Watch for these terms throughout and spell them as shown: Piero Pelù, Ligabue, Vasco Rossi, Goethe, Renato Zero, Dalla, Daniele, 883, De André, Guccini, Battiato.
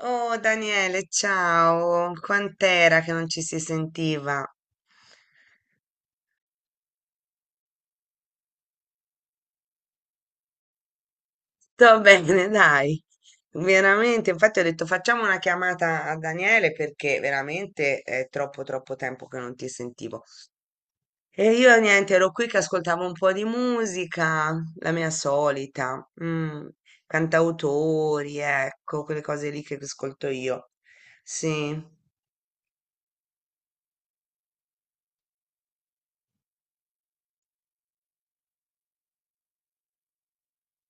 Oh Daniele, ciao, quant'era che non ci si sentiva? Sto bene, dai, veramente, infatti ho detto facciamo una chiamata a Daniele perché veramente è troppo tempo che non ti sentivo. E io niente, ero qui che ascoltavo un po' di musica, la mia solita, cantautori, ecco, quelle cose lì che ascolto io. Sì.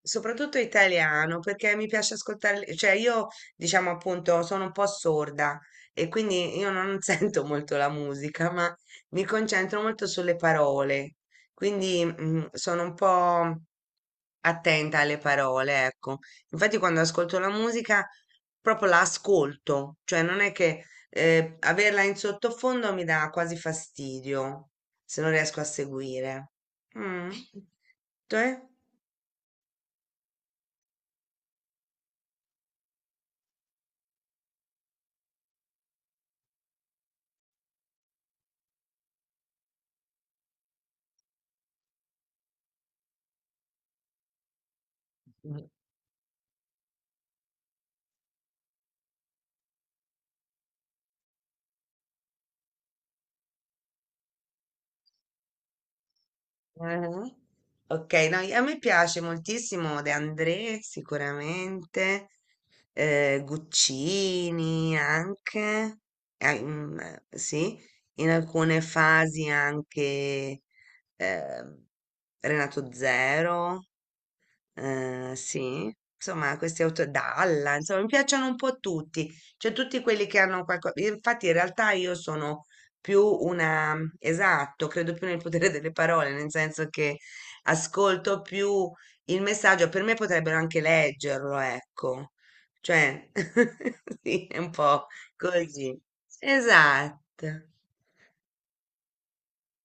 Soprattutto italiano, perché mi piace ascoltare, cioè io diciamo appunto sono un po' sorda e quindi io non sento molto la musica, ma mi concentro molto sulle parole, quindi sono un po' attenta alle parole, ecco. Infatti quando ascolto la musica proprio la ascolto, cioè non è che averla in sottofondo mi dà quasi fastidio se non riesco a seguire. Mm. Te? Ah-ah. Ok, no, a me piace moltissimo De André, sicuramente, Guccini anche, sì, in alcune fasi anche eh, Renato Zero, sì, insomma, questi autori, Dalla, insomma, mi piacciono un po' tutti, cioè tutti quelli che hanno qualcosa. Infatti, in realtà io sono più una, mhmm, esatto, credo più nel potere delle parole, nel senso che ascolto più il messaggio, per me potrebbero anche leggerlo, ecco. Cioè, sì, è un po' così. Esatto.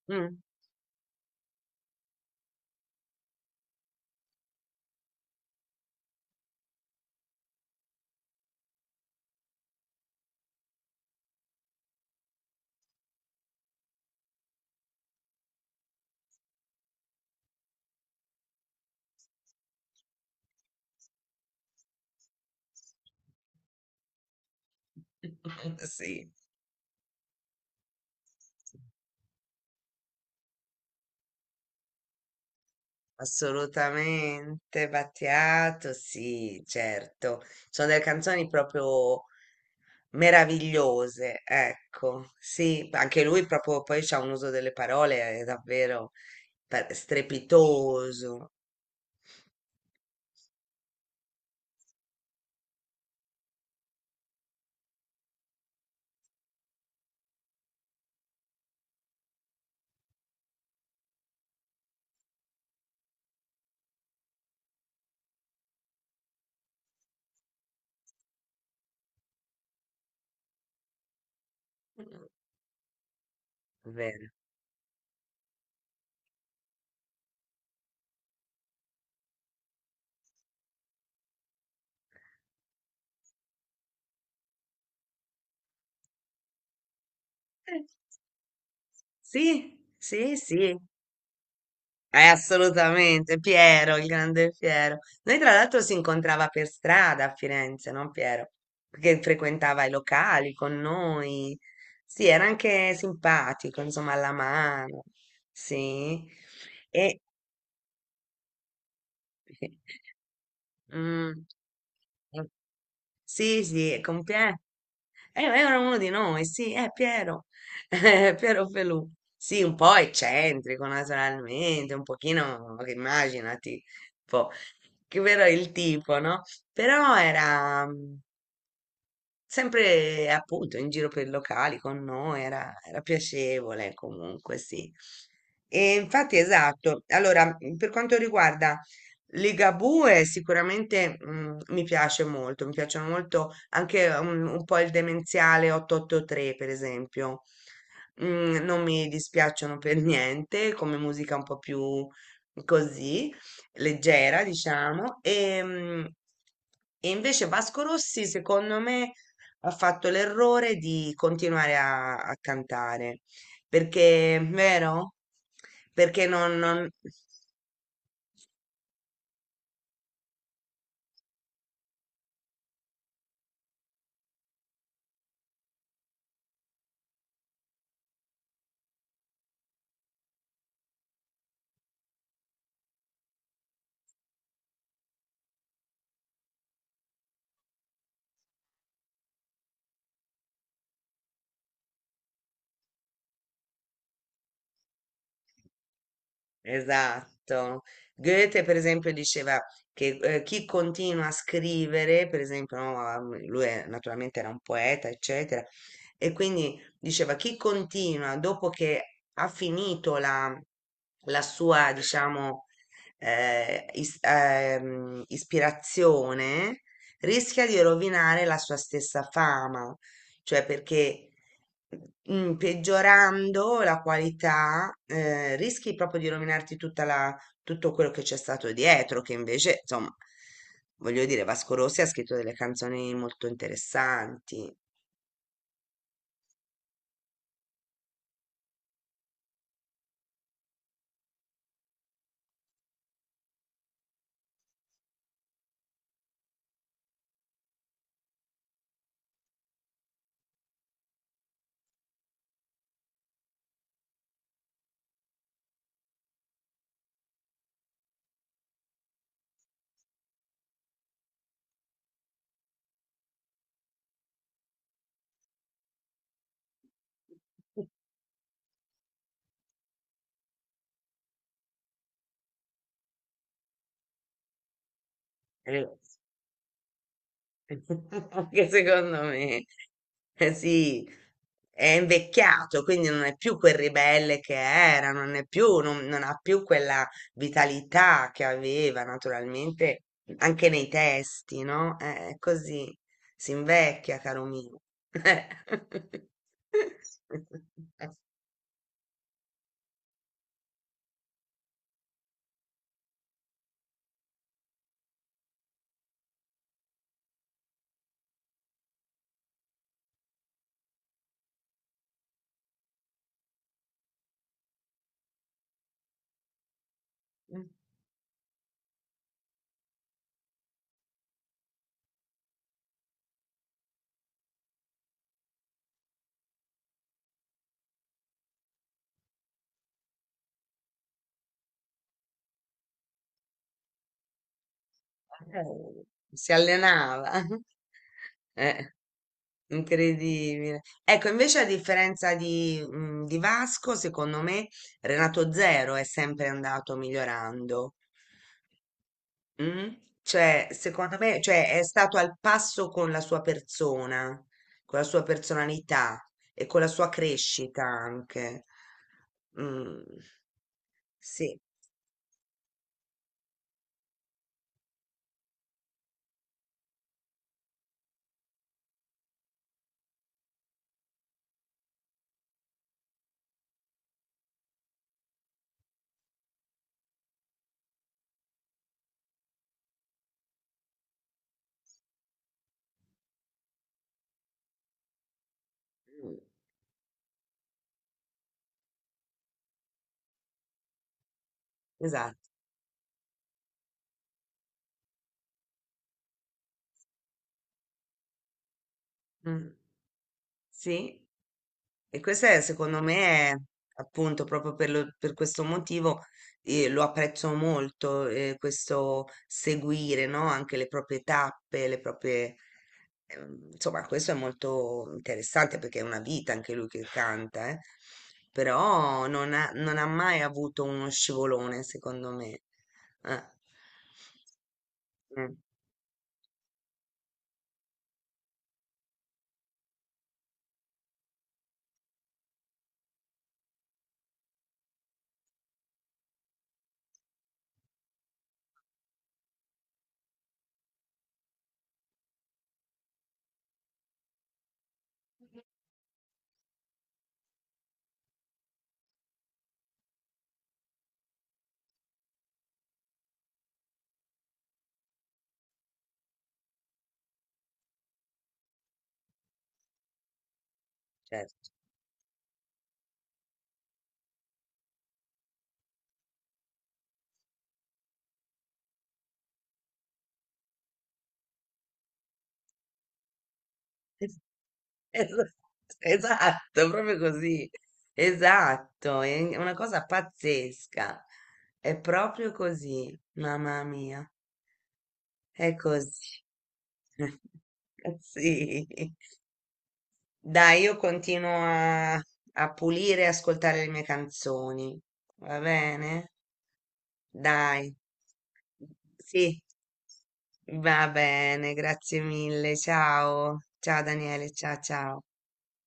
Mm. Sì. Assolutamente, Battiato, sì, certo. Sono delle canzoni proprio meravigliose, ecco, sì, anche lui proprio poi c'ha un uso delle parole davvero strepitoso, vero? Eh, Sì, sì, sì. Assolutamente, Piero, il grande Piero. Noi tra l'altro si incontrava per strada a Firenze, no Piero? Perché frequentava i locali con noi. Sì, era anche simpatico, insomma, alla mano. Sì. E... Mm. Sì, sì, è con Pier. Era uno di noi, sì, è Piero. Piero Pelù. Sì, un po' eccentrico naturalmente, un pochino, immaginati, un po', che però è il tipo, no? Però era, mhmm, sempre appunto in giro per i locali con noi, era, era piacevole comunque, sì. E infatti, esatto. Allora, per quanto riguarda Ligabue, sicuramente mi piace molto, mi piacciono molto anche un po' il demenziale 883, per esempio. Mm, non mi dispiacciono per niente, come musica un po' più così, leggera, diciamo. E, e invece Vasco Rossi, secondo me ha fatto l'errore di continuare a cantare, perché, vero? Perché esatto. Goethe, per esempio, diceva che chi continua a scrivere, per esempio, no, ah, lui naturalmente era un poeta, eccetera, e quindi diceva chi continua dopo che ha finito la sua, diciamo, ispirazione, rischia di rovinare la sua stessa fama cioè perché peggiorando la qualità rischi proprio di rovinarti tutto quello che c'è stato dietro, che invece, insomma, voglio dire, Vasco Rossi ha scritto delle canzoni molto interessanti. Eh, anche secondo me, eh sì, è invecchiato, quindi non è più quel ribelle che era, non ha più quella vitalità che aveva naturalmente anche nei testi, no? È così, si invecchia, caro mio. Eh. Eh, si allenava. Eh. Incredibile. Ecco, invece a differenza di, di Vasco, secondo me Renato Zero è sempre andato migliorando. Mm? Cioè, secondo me, cioè, è stato al passo con la sua persona, con la sua personalità e con la sua crescita anche. Mm, sì, mm, esatto. Mm, sì. E questo è, secondo me, è, appunto proprio per questo motivo lo apprezzo molto, questo seguire, no? Anche le proprie tappe, le proprie... insomma, questo è molto interessante perché è una vita anche lui che canta, eh. Però non ha mai avuto uno scivolone, secondo me. Eh, mm, certo. Esatto, esatto, proprio così. Esatto, è una cosa pazzesca. È proprio così, mamma mia. È così. Sì. Dai, io continuo a pulire e ascoltare le mie canzoni. Va bene? Dai. Sì, va bene, grazie mille. Ciao. Ciao Daniele, ciao ciao.